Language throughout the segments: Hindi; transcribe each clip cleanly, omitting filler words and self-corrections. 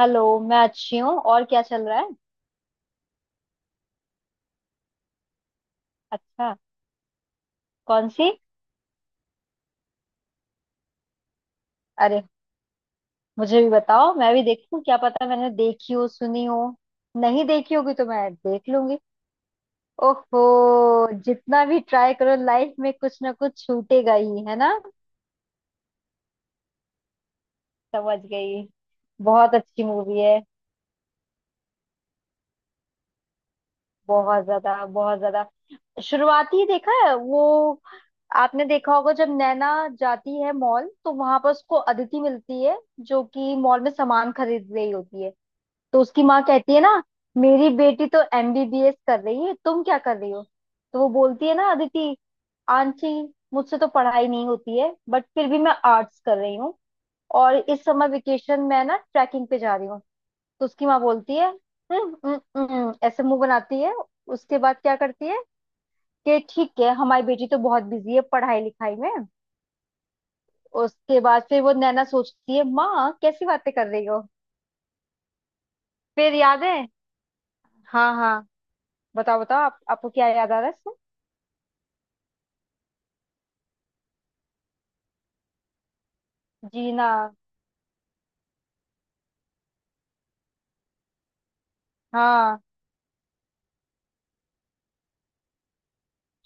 हेलो। मैं अच्छी हूँ और क्या चल रहा है? अच्छा। कौन सी? अरे, मुझे भी बताओ, मैं भी देखूँ। क्या पता मैंने देखी हो, सुनी हो। नहीं देखी होगी तो मैं देख लूंगी। ओहो। जितना भी ट्राई करो लाइफ में कुछ ना कुछ छूटेगा ही, है ना? समझ गई। बहुत अच्छी मूवी है। बहुत ज्यादा, बहुत ज्यादा। शुरुआती ही देखा है वो। आपने देखा होगा जब नैना जाती है मॉल, तो वहां पर उसको अदिति मिलती है जो कि मॉल में सामान खरीद रही होती है। तो उसकी माँ कहती है ना, मेरी बेटी तो एमबीबीएस कर रही है, तुम क्या कर रही हो? तो वो बोलती है ना अदिति, आंटी मुझसे तो पढ़ाई नहीं होती है, बट फिर भी मैं आर्ट्स कर रही हूँ, और इस समय वेकेशन में ना ट्रैकिंग पे जा रही हूँ। तो उसकी माँ बोलती है ऐसे मुंह बनाती है। उसके बाद क्या करती है कि ठीक है हमारी बेटी तो बहुत बिजी है पढ़ाई लिखाई में। उसके बाद फिर वो नैना सोचती है, माँ कैसी बातें कर रही हो। फिर याद है? हाँ, हाँ। बताओ, बताओ, आपको क्या याद आ रहा है इसमें? जीना। हाँ,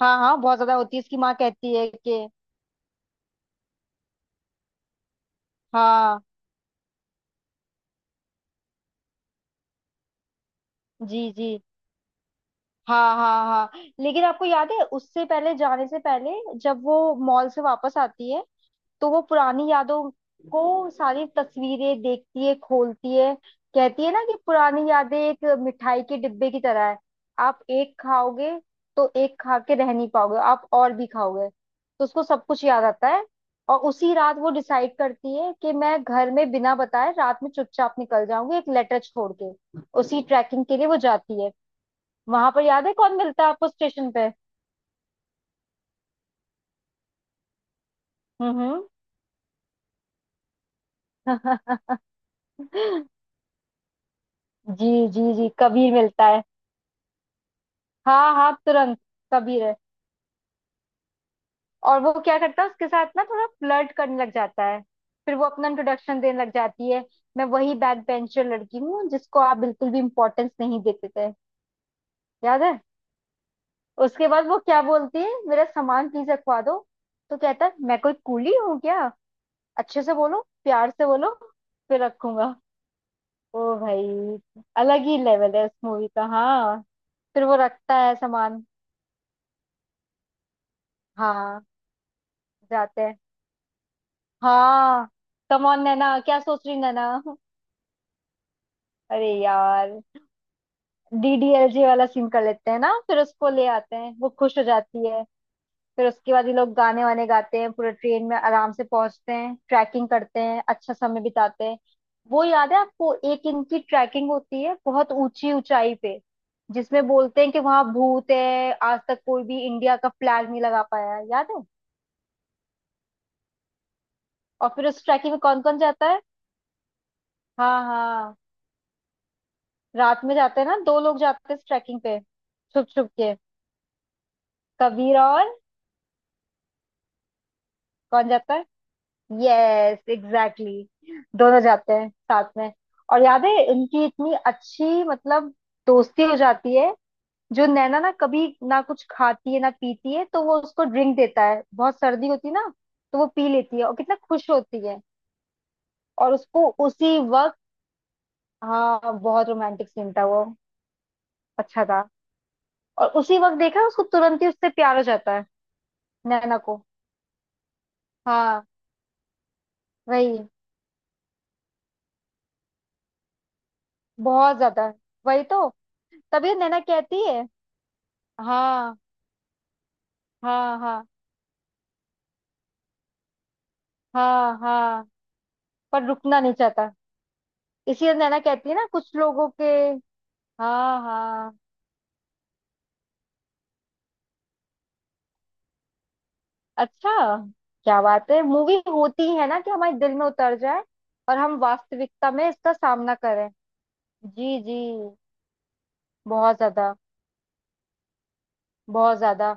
हाँ, हाँ। बहुत ज्यादा होती है, इसकी माँ कहती है कि हाँ, जी, जी, हाँ, हाँ, हाँ। लेकिन आपको याद है उससे पहले, जाने से पहले, जब वो मॉल से वापस आती है, तो वो पुरानी यादों को सारी तस्वीरें देखती है, खोलती है। कहती है ना कि पुरानी यादें एक मिठाई के डिब्बे की तरह है। आप एक खाओगे तो एक खा के रह नहीं पाओगे, आप और भी खाओगे। तो उसको सब कुछ याद आता है। और उसी रात वो डिसाइड करती है कि मैं घर में बिना बताए रात में चुपचाप निकल जाऊंगी एक लेटर छोड़ के। उसी ट्रैकिंग के लिए वो जाती है। वहां पर याद है कौन मिलता है आपको स्टेशन पे? हम्म, हम्म। जी, जी, जी, कबीर मिलता है। हाँ, हाँ, तुरंत। कबीर है। और वो क्या करता है उसके साथ ना, थोड़ा फ्लर्ट करने लग जाता है। फिर वो अपना इंट्रोडक्शन देने लग जाती है, मैं वही बैक बेंचर लड़की हूँ जिसको आप बिल्कुल भी इम्पोर्टेंस नहीं देते थे। याद है? उसके बाद वो क्या बोलती है, मेरा सामान प्लीज रखवा दो। तो कहता है, मैं कोई कूली हूँ क्या? अच्छे से बोलो, प्यार से बोलो, फिर रखूंगा। ओ भाई। अलग ही लेवल है उस मूवी का, हाँ। फिर वो रखता है सामान। हाँ, जाते हैं, हाँ। कम ऑन नैना, क्या सोच रही नैना? अरे यार। डीडीएलजे वाला सीन कर लेते हैं ना, फिर उसको ले आते हैं, वो खुश हो जाती है। फिर उसके बाद ये लोग गाने वाने गाते हैं, पूरे ट्रेन में आराम से पहुंचते हैं, ट्रैकिंग करते हैं, अच्छा समय बिताते हैं। वो याद है आपको, एक इनकी ट्रैकिंग होती है बहुत ऊंची ऊंचाई पे, जिसमें बोलते हैं कि वहां भूत है, आज तक कोई भी इंडिया का फ्लैग नहीं लगा पाया है, याद है? और फिर उस ट्रैकिंग में कौन कौन जाता है? हाँ, हाँ। रात में जाते हैं ना, दो लोग जाते हैं ट्रैकिंग पे। छुप छुप के। कबीर और, कौन जाता है? Yes exactly exactly। दोनों जाते हैं साथ में। और याद है, इनकी इतनी अच्छी मतलब दोस्ती हो जाती है। जो नैना ना कभी ना कुछ खाती है ना पीती है, तो वो उसको ड्रिंक देता है, बहुत सर्दी होती है ना। तो वो पी लेती है और कितना खुश होती है। और उसको उसी वक्त, हाँ, बहुत रोमांटिक सीन था वो। अच्छा था। और उसी वक्त देखा, उसको तुरंत ही उससे प्यार हो जाता है। नैना को। हाँ, वही। बहुत ज्यादा। वही तो। तभी नैना कहती है, हाँ, हाँ, हाँ, हाँ, हाँ। पर रुकना नहीं चाहता। इसीलिए नैना कहती है ना, कुछ लोगों के। हाँ, हाँ। अच्छा। क्या बात है, मूवी होती है ना कि हमारे दिल में उतर जाए। और हम वास्तविकता में इसका सामना करें। जी, जी। बहुत ज्यादा। बहुत ज्यादा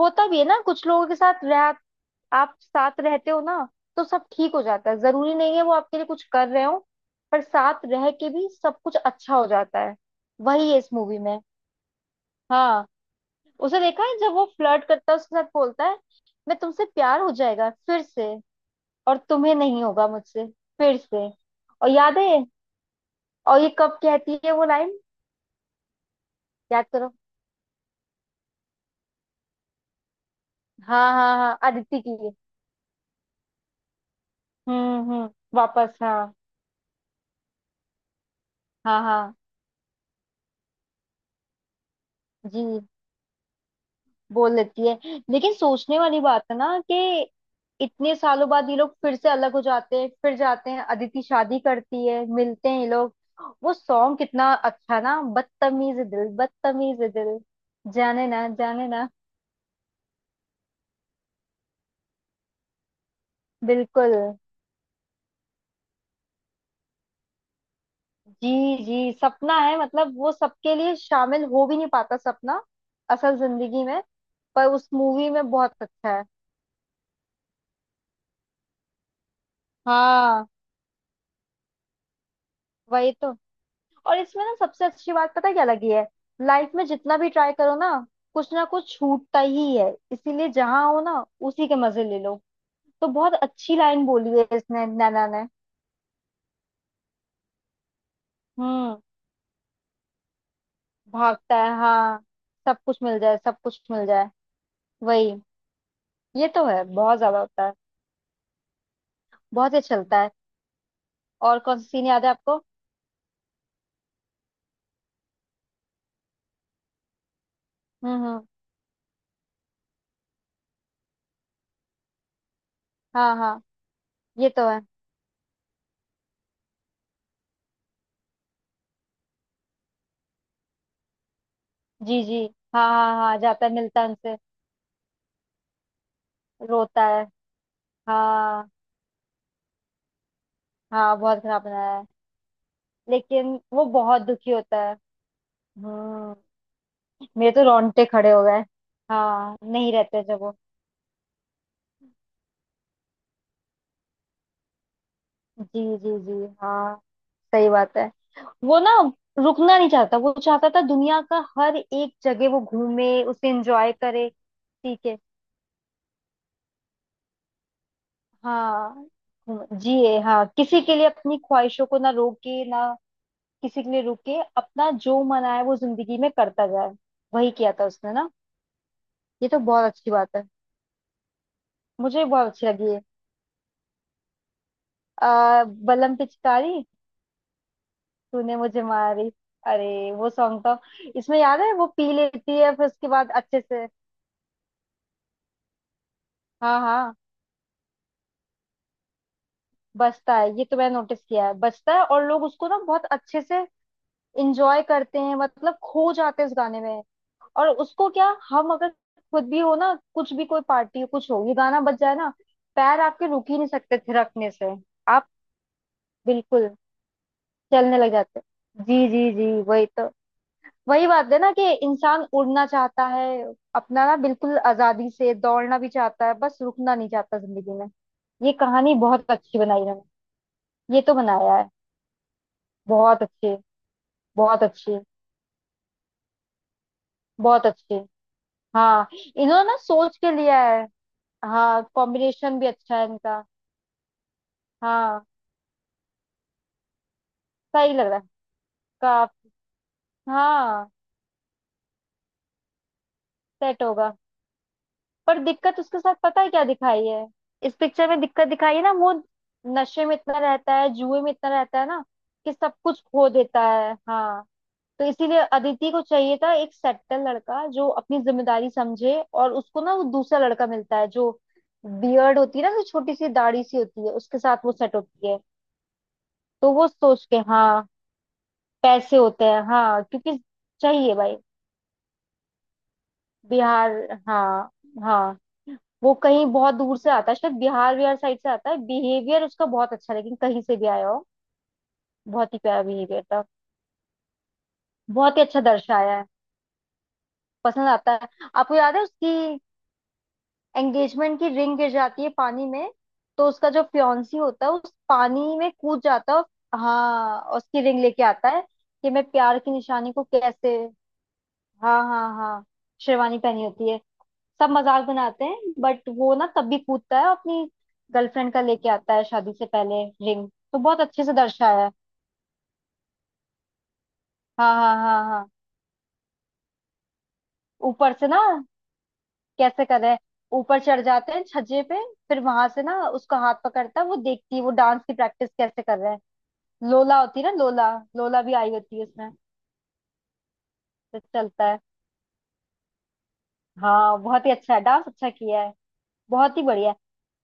होता भी है ना, कुछ लोगों के साथ रह, आप साथ रहते हो ना, तो सब ठीक हो जाता है। जरूरी नहीं है वो आपके लिए कुछ कर रहे हो, पर साथ रह के भी सब कुछ अच्छा हो जाता है। वही है इस मूवी में। हाँ। उसे देखा है जब वो फ्लर्ट करता है उसके साथ, बोलता है, मैं तुमसे प्यार हो जाएगा फिर से, और तुम्हें नहीं होगा मुझसे। फिर से। और याद है? और ये कब कहती है वो लाइन? याद करो। हाँ, हाँ, हाँ, अदिति की है। हम्म, हम्म। वापस, हाँ। हाँ, हाँ। जी, बोल देती है। लेकिन सोचने वाली बात है ना कि इतने सालों बाद ये लोग फिर से अलग हो जाते हैं, फिर जाते हैं, अदिति शादी करती है, मिलते हैं ये लोग। वो सॉन्ग कितना अच्छा है ना, बदतमीज दिल, बदतमीज दिल, जाने ना, जाने ना। बिल्कुल। जी, जी, सपना है, मतलब वो सबके लिए शामिल हो भी नहीं पाता, सपना असल जिंदगी में। पर उस मूवी में बहुत अच्छा है। हाँ। वही तो। और इसमें ना सबसे अच्छी बात पता है क्या लगी है? लाइफ में जितना भी ट्राई करो ना, कुछ ना कुछ छूटता ही है, इसीलिए जहां हो ना, उसी के मजे ले लो। तो बहुत अच्छी लाइन बोली है इसने, नैना ने। हम्म। भागता है, हाँ। सब कुछ मिल जाए, सब कुछ मिल जाए। वही। ये तो है, बहुत ज्यादा होता है। बहुत ही चलता है। और कौन सा सीन याद है आपको? हम्म, हम्म। हाँ, हाँ, ये तो है। जी, जी, हाँ, हाँ, हाँ, जाता है, मिलता है उनसे। रोता है, हाँ। हाँ, बहुत खराब बनाया है। लेकिन वो बहुत दुखी होता है। हम्म। मेरे तो रोंगटे खड़े हो गए। हाँ, नहीं रहते जब वो, जी, जी, जी, हाँ, सही बात है। वो ना रुकना नहीं चाहता, वो चाहता था दुनिया का हर एक जगह वो घूमे, उसे एंजॉय करे। ठीक है। हाँ। जिए, हाँ, किसी के लिए अपनी ख्वाहिशों को ना रोके ना, किसी के लिए रुके, अपना जो मन आए वो जिंदगी में करता जाए। वही किया था उसने ना। ये तो बहुत अच्छी बात है। मुझे बहुत अच्छी लगी है। आ, बलम पिचकारी, तूने मुझे मारी। अरे, वो सॉन्ग तो, इसमें याद है वो पी लेती है फिर उसके बाद अच्छे से। हाँ, हाँ, बचता है, ये तो मैंने नोटिस किया है, बचता है और लोग उसको ना बहुत अच्छे से इंजॉय करते हैं, मतलब खो जाते हैं उस गाने में। और उसको क्या, हम अगर खुद भी हो ना, कुछ भी, कोई पार्टी हो कुछ हो, ये गाना बज जाए ना, पैर आपके रुक ही नहीं सकते थिरकने से। आप बिल्कुल चलने लग जाते। जी, जी, जी, वही तो। वही बात है ना कि इंसान उड़ना चाहता है, अपना ना बिल्कुल आजादी से दौड़ना भी चाहता है, बस रुकना नहीं चाहता जिंदगी में। ये कहानी बहुत अच्छी बनाई इन्होंने। ये तो बनाया है बहुत अच्छे। बहुत अच्छे, बहुत अच्छे, हाँ। इन्होंने ना सोच के लिया है। हाँ, कॉम्बिनेशन भी अच्छा है इनका। हाँ, सही लग रहा है। का, हाँ, सेट होगा। पर दिक्कत उसके साथ पता है क्या दिखाई है, इस पिक्चर में दिक्कत दिखाई है ना, वो नशे में इतना रहता है, जुए में इतना रहता है ना कि सब कुछ खो देता है, हाँ। तो इसीलिए अदिति को चाहिए था एक सेटल लड़का जो अपनी जिम्मेदारी समझे, और उसको ना वो दूसरा लड़का मिलता है, जो बियर्ड होती है ना, जो छोटी सी दाढ़ी सी होती है, उसके साथ वो सेट होती है। तो वो सोच के, हाँ, पैसे होते हैं हाँ, क्योंकि चाहिए भाई। बिहार, हाँ, हाँ। वो कहीं बहुत दूर से आता है, शायद बिहार बिहार साइड से आता है। बिहेवियर उसका बहुत अच्छा है, लेकिन कहीं से भी आया हो, बहुत ही प्यारा बिहेवियर था। बहुत ही अच्छा दर्शाया है। पसंद आता है। आपको याद है उसकी एंगेजमेंट की रिंग गिर जाती है पानी में? तो उसका जो फियांसी होता है उस पानी में कूद जाता है हाँ, और उसकी रिंग लेके आता है कि मैं प्यार की निशानी को कैसे, हाँ, हाँ, हाँ, शेरवानी पहनी होती है। सब मजाक बनाते हैं बट वो ना तब भी कूदता है और अपनी गर्लफ्रेंड का लेके आता है शादी से पहले, रिंग तो बहुत अच्छे से दर्शाया है। हाँ, हाँ, हाँ, हाँ। ऊपर से ना, कैसे कर रहे हैं, ऊपर चढ़ जाते हैं छज्जे पे, फिर वहां से ना उसका हाथ पकड़ता है, वो देखती है वो डांस की प्रैक्टिस कैसे कर रहे हैं। लोला होती है ना, लोला। लोला भी आई होती है उसमें। तो चलता है। हाँ, बहुत ही अच्छा है, डांस अच्छा किया है। बहुत ही बढ़िया है।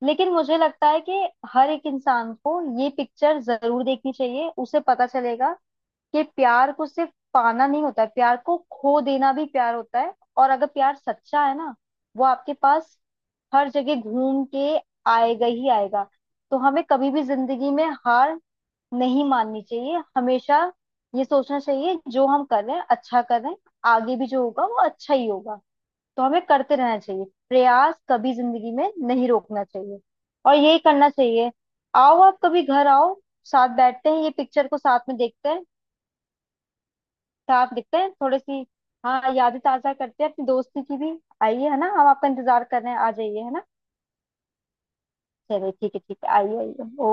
लेकिन मुझे लगता है कि हर एक इंसान को ये पिक्चर जरूर देखनी चाहिए, उसे पता चलेगा कि प्यार को सिर्फ पाना नहीं होता है, प्यार को खो देना भी प्यार होता है। और अगर प्यार सच्चा है ना, वो आपके पास हर जगह घूम के आएगा ही आएगा। तो हमें कभी भी जिंदगी में हार नहीं माननी चाहिए, हमेशा ये सोचना चाहिए जो हम कर रहे हैं अच्छा कर रहे हैं। आगे भी जो होगा वो अच्छा ही होगा। तो हमें करते रहना चाहिए प्रयास, कभी जिंदगी में नहीं रोकना चाहिए। और यही करना चाहिए। आओ, आप कभी घर आओ, साथ बैठते हैं, ये पिक्चर को साथ में देखते हैं। साफ दिखते हैं थोड़ी सी। हाँ, यादें ताजा करते हैं अपनी दोस्ती की भी। आइए, है ना, हम आपका इंतजार कर रहे हैं, आ जाइए, है ना। चलिए ठीक है, ठीक है, आइए, आइए।